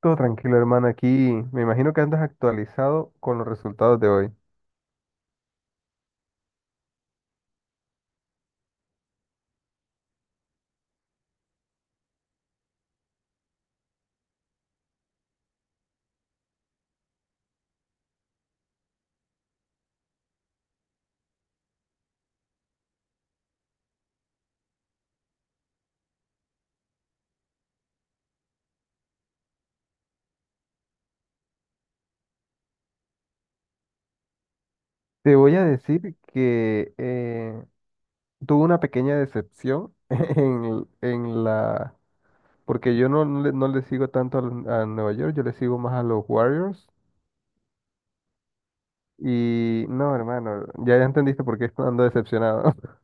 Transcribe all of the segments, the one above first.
Todo tranquilo, hermano. Aquí me imagino que andas actualizado con los resultados de hoy. Te voy a decir que tuve una pequeña decepción en la... Porque yo no no le sigo tanto a Nueva York, yo le sigo más a los Warriors. Y no, hermano, ya entendiste por qué ando decepcionado.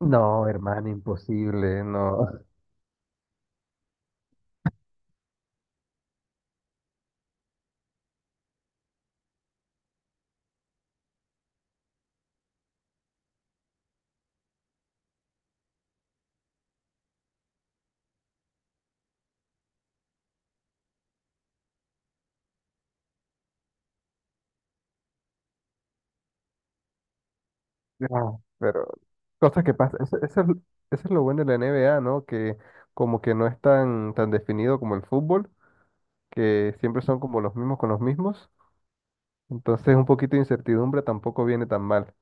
No, hermano, imposible, no. No, pero cosas que pasan. Eso, eso es lo bueno de la NBA, ¿no? Que como que no es tan definido como el fútbol, que siempre son como los mismos con los mismos. Entonces un poquito de incertidumbre tampoco viene tan mal.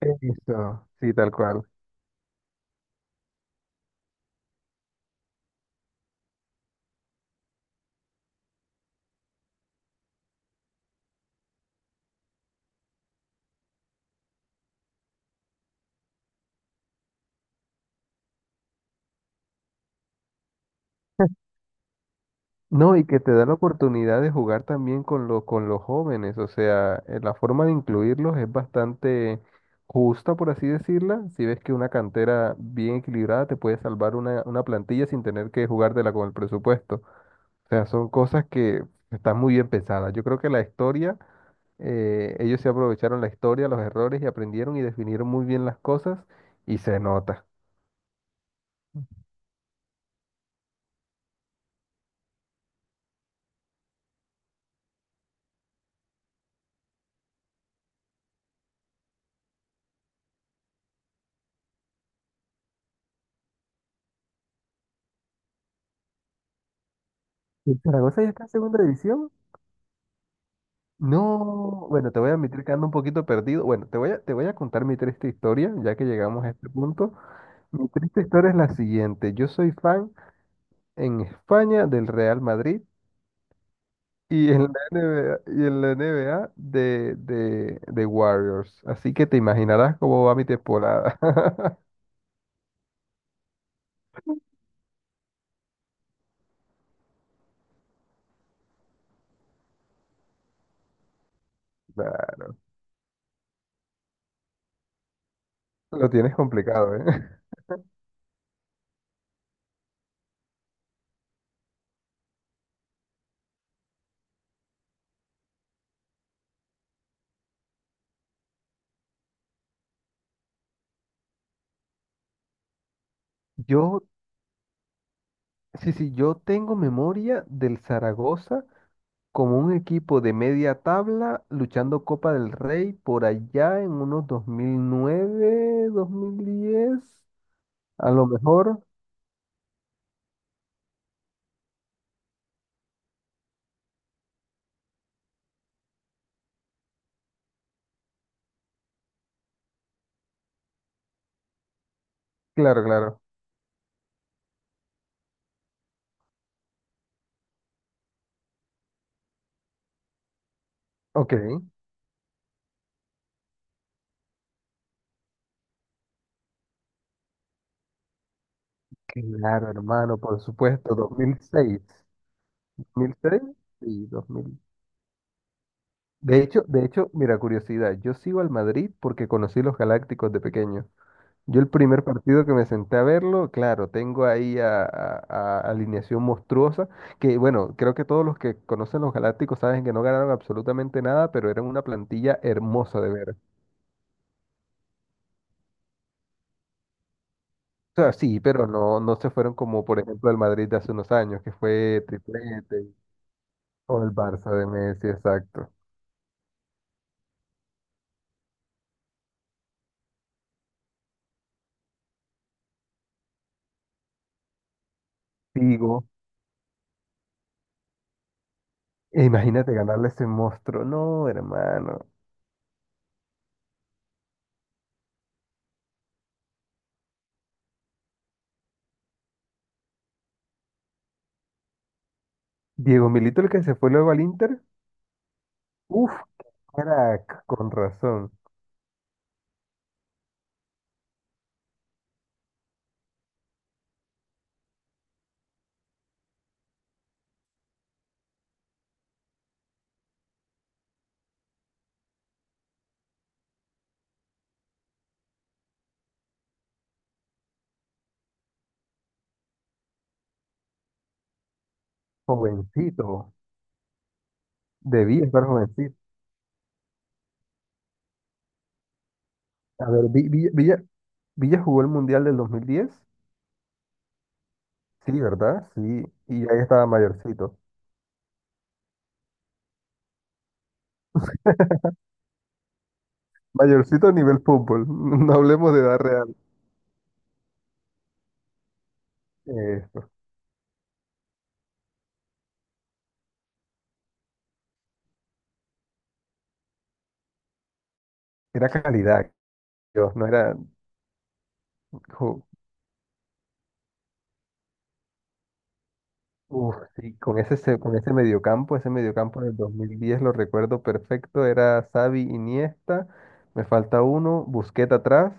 Eso. Sí, tal cual. No, y que te da la oportunidad de jugar también con con los jóvenes, o sea, la forma de incluirlos es bastante justa, por así decirla. Si ves que una cantera bien equilibrada te puede salvar una plantilla sin tener que jugártela con el presupuesto. O sea, son cosas que están muy bien pensadas. Yo creo que la historia ellos se aprovecharon la historia, los errores y aprendieron y definieron muy bien las cosas y se nota. ¿El Zaragoza ya está en segunda división? No, bueno, te voy a admitir que ando un poquito perdido. Bueno, te voy a contar mi triste historia, ya que llegamos a este punto. Mi triste historia es la siguiente. Yo soy fan en España del Real Madrid y en la NBA de, de Warriors. Así que te imaginarás cómo va mi temporada. Nah. Lo tienes complicado, ¿eh? Yo, Sí, sí, yo tengo memoria del Zaragoza como un equipo de media tabla luchando Copa del Rey por allá en unos 2009, 2010, a lo mejor. Claro, claro. Ok. Claro, hermano, por supuesto, 2006. 2006 y 2000. De hecho, mira, curiosidad, yo sigo al Madrid porque conocí los Galácticos de pequeño. Yo el primer partido que me senté a verlo, claro, tengo ahí a a alineación monstruosa, que bueno, creo que todos los que conocen los Galácticos saben que no ganaron absolutamente nada, pero eran una plantilla hermosa de ver. O sea, sí, pero no, no se fueron como, por ejemplo, el Madrid de hace unos años, que fue triplete, o el Barça de Messi, exacto. Digo, imagínate ganarle a ese monstruo, no, hermano. Diego Milito, el que se fue luego al Inter, uff, crack, con razón, jovencito. Debía estar jovencito. A ver, Villa, Villa jugó el Mundial del 2010. Sí, ¿verdad? Sí. Y ahí estaba mayorcito. Mayorcito a nivel fútbol. No hablemos de edad real. Eh, era calidad, Dios. No era... jo- Uf, sí, con con ese mediocampo del 2010 lo recuerdo perfecto. Era Xavi, Iniesta. Me falta uno. Busquets atrás.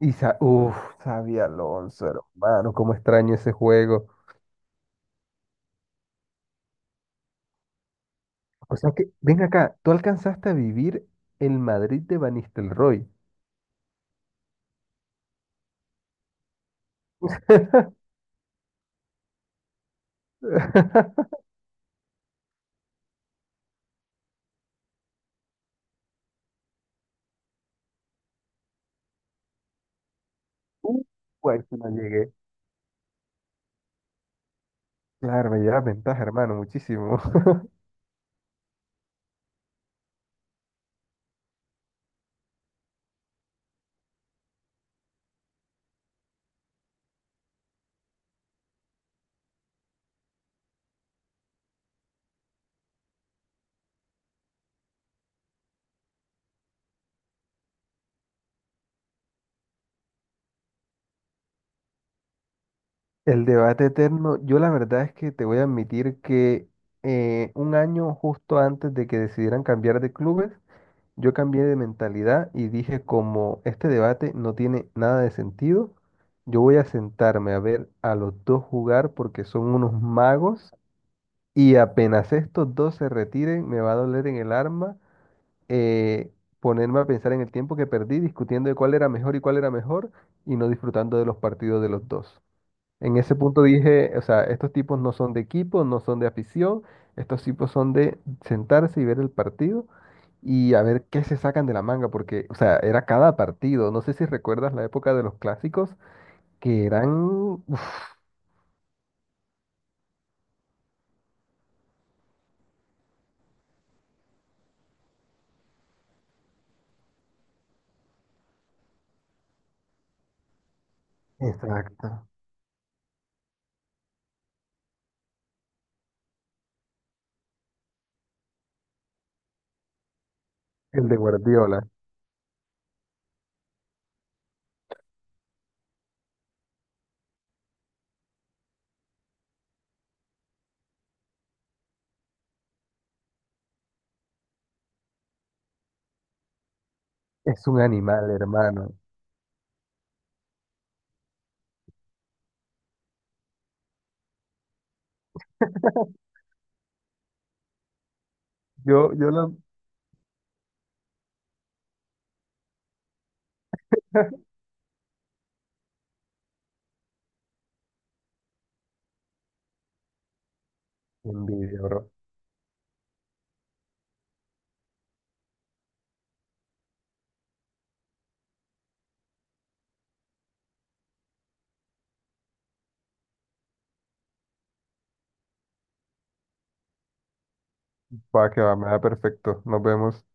Y, Sa- uf, Xavi Alonso, hermano. Cómo extraño ese juego. O sea que, ven acá, tú alcanzaste a vivir el Madrid de Van Nistelrooy. Uh, Guay, si no llegué. Claro, me lleva ventaja, hermano, muchísimo. El debate eterno, yo la verdad es que te voy a admitir que un año justo antes de que decidieran cambiar de clubes, yo cambié de mentalidad y dije como este debate no tiene nada de sentido, yo voy a sentarme a ver a los dos jugar porque son unos magos. Y apenas estos dos se retiren, me va a doler en el arma eh, ponerme a pensar en el tiempo que perdí discutiendo de cuál era mejor y cuál era mejor y no disfrutando de los partidos de los dos. En ese punto dije, o sea, estos tipos no son de equipo, no son de afición, estos tipos son de sentarse y ver el partido y a ver qué se sacan de la manga, porque, o sea, era cada partido. No sé si recuerdas la época de los clásicos, que eran... uf. Exacto. El de Guardiola. Es un animal, hermano. Yo la envidia, bro. Va que va, me da perfecto. Nos vemos.